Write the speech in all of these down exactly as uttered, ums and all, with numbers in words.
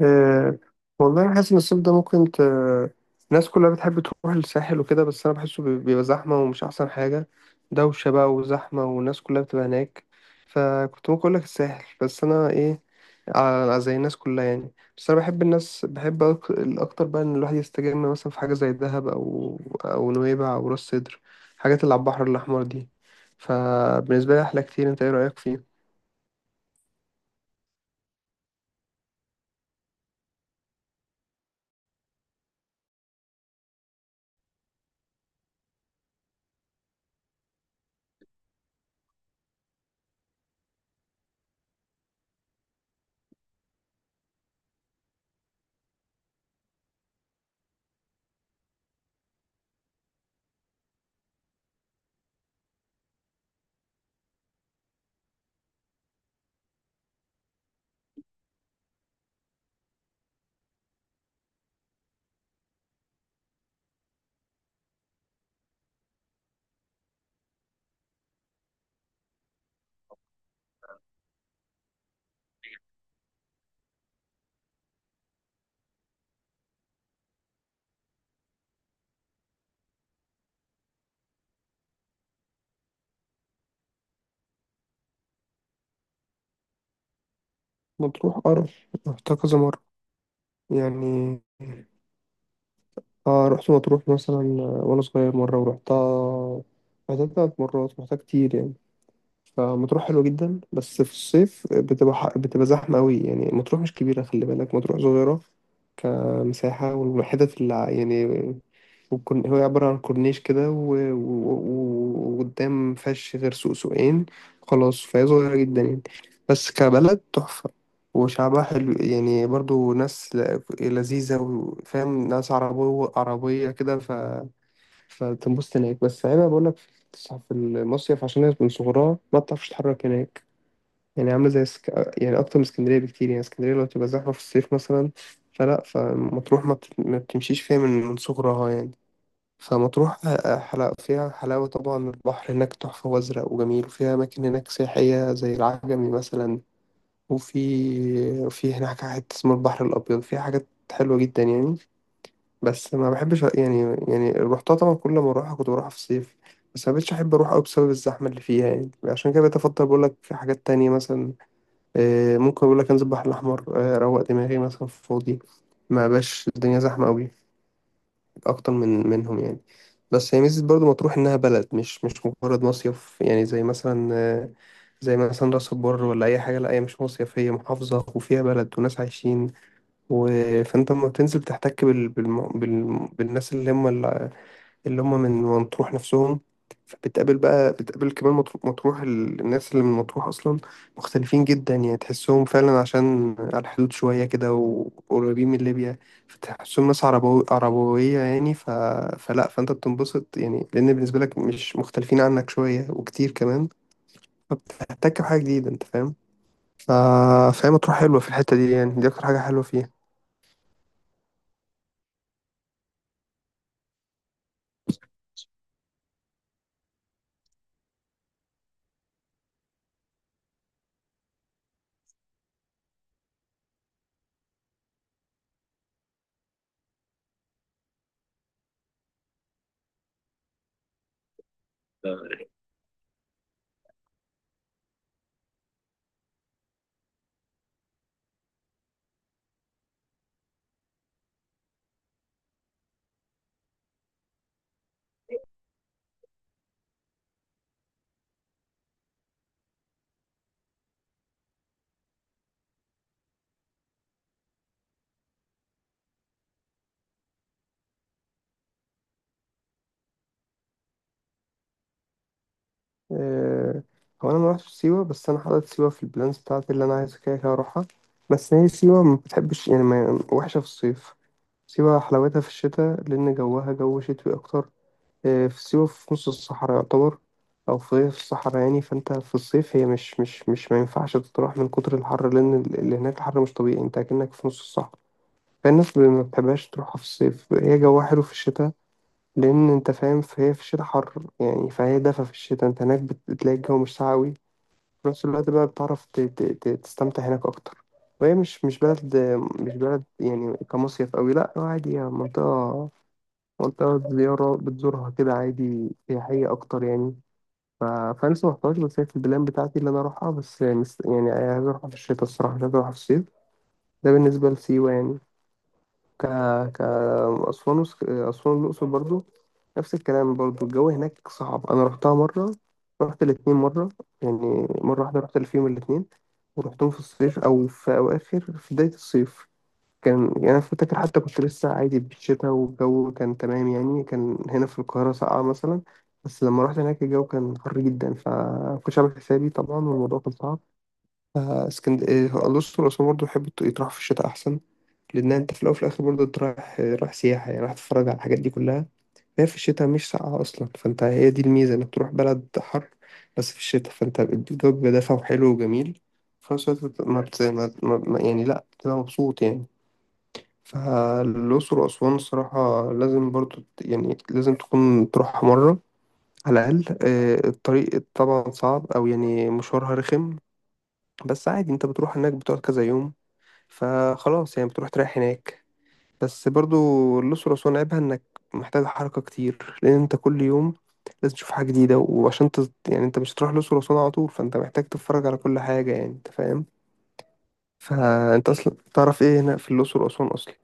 أه والله أنا حاسس إن الصيف ده ممكن ت... الناس كلها بتحب تروح الساحل وكده، بس أنا بحسه بي- بيبقى زحمة ومش أحسن حاجة. دوشة بقى وزحمة والناس كلها بتبقى هناك. فكنت ممكن أقولك الساحل، بس أنا إيه، ع- زي الناس كلها يعني. بس أنا بحب الناس، بحب أك- الأكتر بقى إن الواحد يستجم مثلا في حاجة زي دهب أو أو نويبع أو راس سدر، الحاجات اللي على البحر الأحمر دي. فبالنسبة لي أحلى كتير. أنت إيه رأيك فيه؟ مطروح أرض، رحتها كذا مرة يعني. اه، رحت مطروح مثلا آه، وانا صغير مرة ورحتها. رحتها تلات مرات، رحتها كتير يعني. فمطروح حلوة جدا، بس في الصيف بتبقى ح- بتبقى زحمة أوي يعني. مطروح مش كبيرة، خلي بالك، مطروح صغيرة كمساحة، والحتت اللي ع- يعني والكورن- هو عبارة عن كورنيش كده و- و- و- وقدام مفيهاش غير سوق سوقين. خلاص، فهي صغيرة جدا يعني، بس كبلد تحفة. وشعبها حلو يعني، برضو ناس ل- لذيذة، وفاهم ناس عربية عربية كده. فتنبسط هناك، بس عيبها بقول لك في المصيف، عشان هي من صغرها ما بتعرفش تتحرك هناك. يعني عامله زي سك... يعني اكتر من اسكندريه بكتير يعني. اسكندريه لو تبقى زحمه في الصيف مثلا، فلا، فمطروح ما, بت... ما بتمشيش فيها من من صغرها يعني. فمطروح حلاوة فيها، حلاوة طبعا. البحر هناك تحفة وأزرق وجميل، وفيها أماكن هناك سياحية زي العجمي مثلا، وفي في هناك حتة اسمها البحر الأبيض فيها حاجات حلوة جدا يعني. بس ما بحبش يعني، يعني روحتها طبعا، كل ما اروحها كنت بروحها في الصيف، بس ما بقتش احب اروح قوي بسبب الزحمه اللي فيها يعني. عشان كده بقيت افضل، بقول لك حاجات تانية مثلا. آه، ممكن اقول لك انزل البحر الاحمر، آه، اروق دماغي مثلا في فاضي، ما بقاش الدنيا زحمه قوي، اكتر من منهم يعني. بس هي ميزه برضو مطروح، انها بلد مش مش مجرد مصيف يعني، زي مثلا آه، زي مثلا راس البر ولا اي حاجه، لا هي مش مصيف، هي محافظه وفيها بلد وناس عايشين و... فانت لما بتنزل بتحتك بال... بالم... بال... بالناس اللي هم، اللي هم من مطروح نفسهم. فبتقابل بقى، بتقابل كمان مطروح, مطروح ال- الناس اللي من مطروح أصلا، مختلفين جدا يعني، تحسهم فعلا، عشان على الحدود شوية كده وقريبين من ليبيا. فتحسهم ناس عربو عربوية يعني. ف... فلا، فأنت بتنبسط يعني، لأن بالنسبة لك مش مختلفين عنك شوية، وكتير كمان، فبتحتك بحاجة جديدة، أنت فاهم. ف- فهي مطروح حلوة في الحتة دي يعني، دي أكتر حاجة حلوة فيها. آه، هو انا ما رحتش سيوه، بس انا حاطط سيوه في البلانز بتاعتي اللي انا عايز كده كده اروحها. بس هي سيوه ما بتحبش يعني، ما وحشه في الصيف. سيوه حلاوتها في الشتاء، لان جوها جو شتوي اكتر. آه، في سيوه في نص الصحراء يعتبر، او في في الصحراء يعني، فانت في الصيف هي مش مش مش ما ينفعش تروح من كتر الحر، لان ال- اللي هناك الحر مش طبيعي، انت اكنك في نص الصحراء. فالناس ما بتحبهاش تروحها في الصيف، هي جوها حلو في الشتاء. لان انت فاهم، فهي في الشتاء حر يعني، فهي دفا في الشتاء، انت هناك بت- بتلاقي الجو مش ساقع أوي، في نفس الوقت بقى بتعرف ت- ت- ت- تستمتع هناك أكتر. وهي مش مش بلد، مش بلد يعني كمصيف أوي، لأ هو عادي، هي منطقة، منطقة زيارة بتزورها كده عادي، سياحية أكتر يعني. ف- فأنا لسه محتاج، بس هي في البلان بتاعتي اللي أنا أروحها، بس مس- يعني عايز أروحها في الشتاء الصراحة، مش عايز أروحها في الصيف. ده بالنسبة لسيوة يعني. ك ك أسوان وسك... أسوان والأقصر برضو، نفس الكلام برضو. الجو هناك صعب. أنا رحتها مرة، رحت الاتنين مرة يعني، مرة واحدة رحت فيهم الاتنين، ورحتهم في الصيف أو في أواخر، في بداية الصيف. كان يعني أنا فاكر حتى كنت لسه عادي بالشتا والجو كان تمام يعني، كان هنا في القاهرة ساقعة مثلا، بس لما رحت هناك الجو كان حر جدا، فمكنتش عامل حسابي طبعا، والموضوع كان صعب. آه، اسكند آه، الأقصر وأسوان برضه بحب يت- يتراح في الشتاء أحسن، لأن أنت في الأول وفي الآخر برضه أنت رايح، آه، رايح سياحة يعني، رايح تتفرج على الحاجات دي كلها. هي في الشتاء مش ساقعة أصلا، فأنت هي دي الميزة إنك تروح بلد حر بس في الشتاء، فأنت الجو بيبقى دافع وحلو وجميل، في نفس الوقت بت- ما بت... ما... ما... ما- يعني لأ بتبقى مبسوط يعني. فالأقصر وأسوان الصراحة لازم برضه ت- يعني لازم تكون تروحها مرة على الأقل. آه، الطريق طبعا صعب، أو يعني مشوارها رخم، بس عادي، انت بتروح هناك بتقعد كذا يوم، فخلاص يعني بتروح تريح هناك. بس برضو الأقصر وأسوان عيبها إنك محتاج حركة كتير، لأن أنت كل يوم لازم تشوف حاجة جديدة، وعشان تز... يعني أنت مش هتروح الأقصر وأسوان على طول، فأنت محتاج تتفرج على كل حاجة يعني، أنت فاهم، فأنت أصلا تعرف إيه هنا في الأقصر وأسوان أصلا.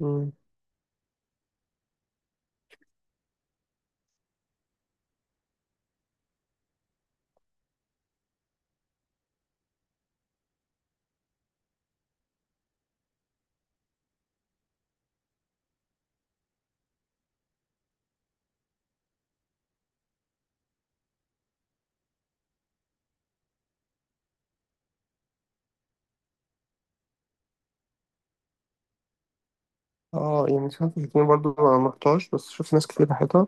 مم. اه، يعني سمعت الاتنين برضو ما رحتهاش، بس شفت ناس كتير راحتها.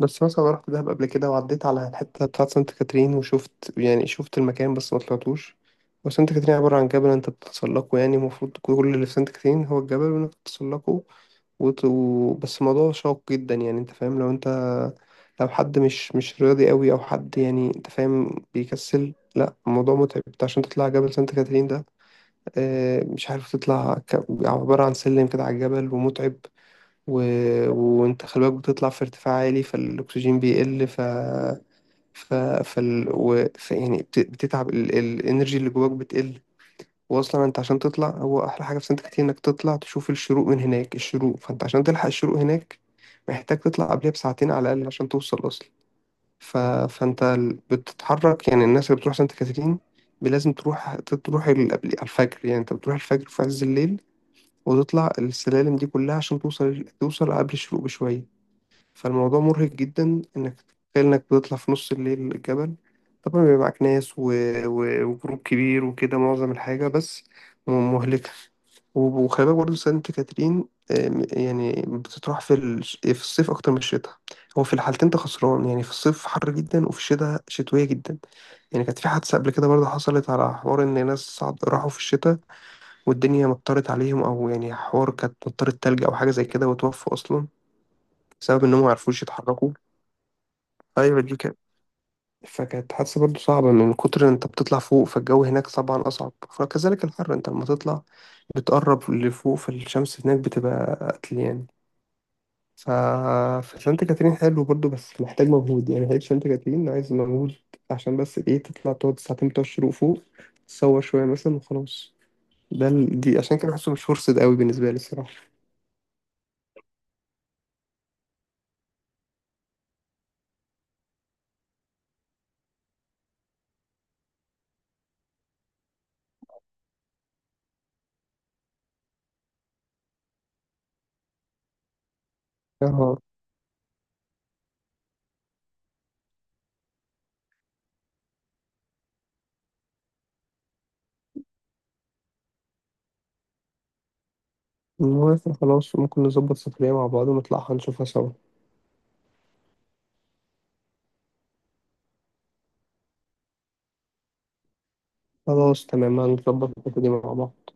بس مثلا أنا رحت دهب قبل كده، وعديت على الحتة بتاعت سانت كاترين، وشفت يعني، شفت المكان بس ما طلعتوش. وسانت كاترين عبارة عن جبل، انت بتتسلقه يعني، المفروض كل اللي في سانت كاترين هو الجبل، وانك بتتسلقه، وت... و... بس الموضوع شاق جدا يعني، انت فاهم، لو انت، لو حد مش مش رياضي قوي او حد يعني، انت فاهم، بيكسل، لا الموضوع متعب، انت عشان تطلع جبل سانت كاترين ده آه، مش عارف تطلع، ك- عبارة عن سلم كده على الجبل ومتعب. و... وانت خلي بالك بتطلع في ارتفاع عالي، فالاكسجين بيقل، ف ف فال... و... ف... يعني بت... بتتعب، ال... الانرجي اللي جواك بتقل. واصلا انت عشان تطلع، هو احلى حاجه في سانت كاترين انك تطلع تشوف الشروق من هناك، الشروق، فانت عشان تلحق الشروق هناك محتاج تطلع قبلها بساعتين على الاقل عشان توصل اصلا. ف... فانت ال- بتتحرك يعني، الناس اللي بتروح سانت كاترين لازم تروح، تروح ال- قبل على الفجر يعني، انت بتروح الفجر في عز الليل، وتطلع السلالم دي كلها عشان توصل، توصل قبل الشروق بشويه. فالموضوع مرهق جدا، انك تخيل انك بتطلع في نص الليل الجبل، طبعا بيبقى معاك ناس و... و... وجروب كبير وكده، معظم الحاجة بس م- مهلكة. وب- وخلي بالك برضه سانت كاترين آم، يعني بتطرح في الش- في الصيف أكتر من الشتاء، هو في الحالتين أنت خسران يعني، في الصيف حر جدا، وفي الشتاء شتوية جدا. يعني كانت في حادثة قبل كده برضه، حصلت على حوار إن ناس صعد راحوا في الشتاء، والدنيا مطرت عليهم، أو يعني حوار كانت مطرت تلج أو حاجة زي كده، وتوفوا أصلا بسبب إنهم ما عرفوش يتحركوا. ايوه، دي كانت فكانت حادثة برضه صعبة، من كتر إن انت بتطلع فوق، فالجو هناك طبعا اصعب، فكذلك الحر، انت لما تطلع بتقرب لفوق، فالشمس هناك بتبقى قتل يعني. ف... فسانت كاترين حلو برضه، بس محتاج مجهود يعني، هيك سانت كاترين عايز مجهود عشان بس ايه، تطلع تقعد ساعتين بتوع الشروق فوق، تصور شوية مثلا وخلاص. ده ال... دي عشان كده بحسه مش فرصة قوي بالنسبة لي الصراحة. اه، المهم إحنا خلاص ممكن نظبط سفرية مع بعض ونطلعها نشوفها سوا. خلاص، تمام، هنظبط الحتة دي مع بعض.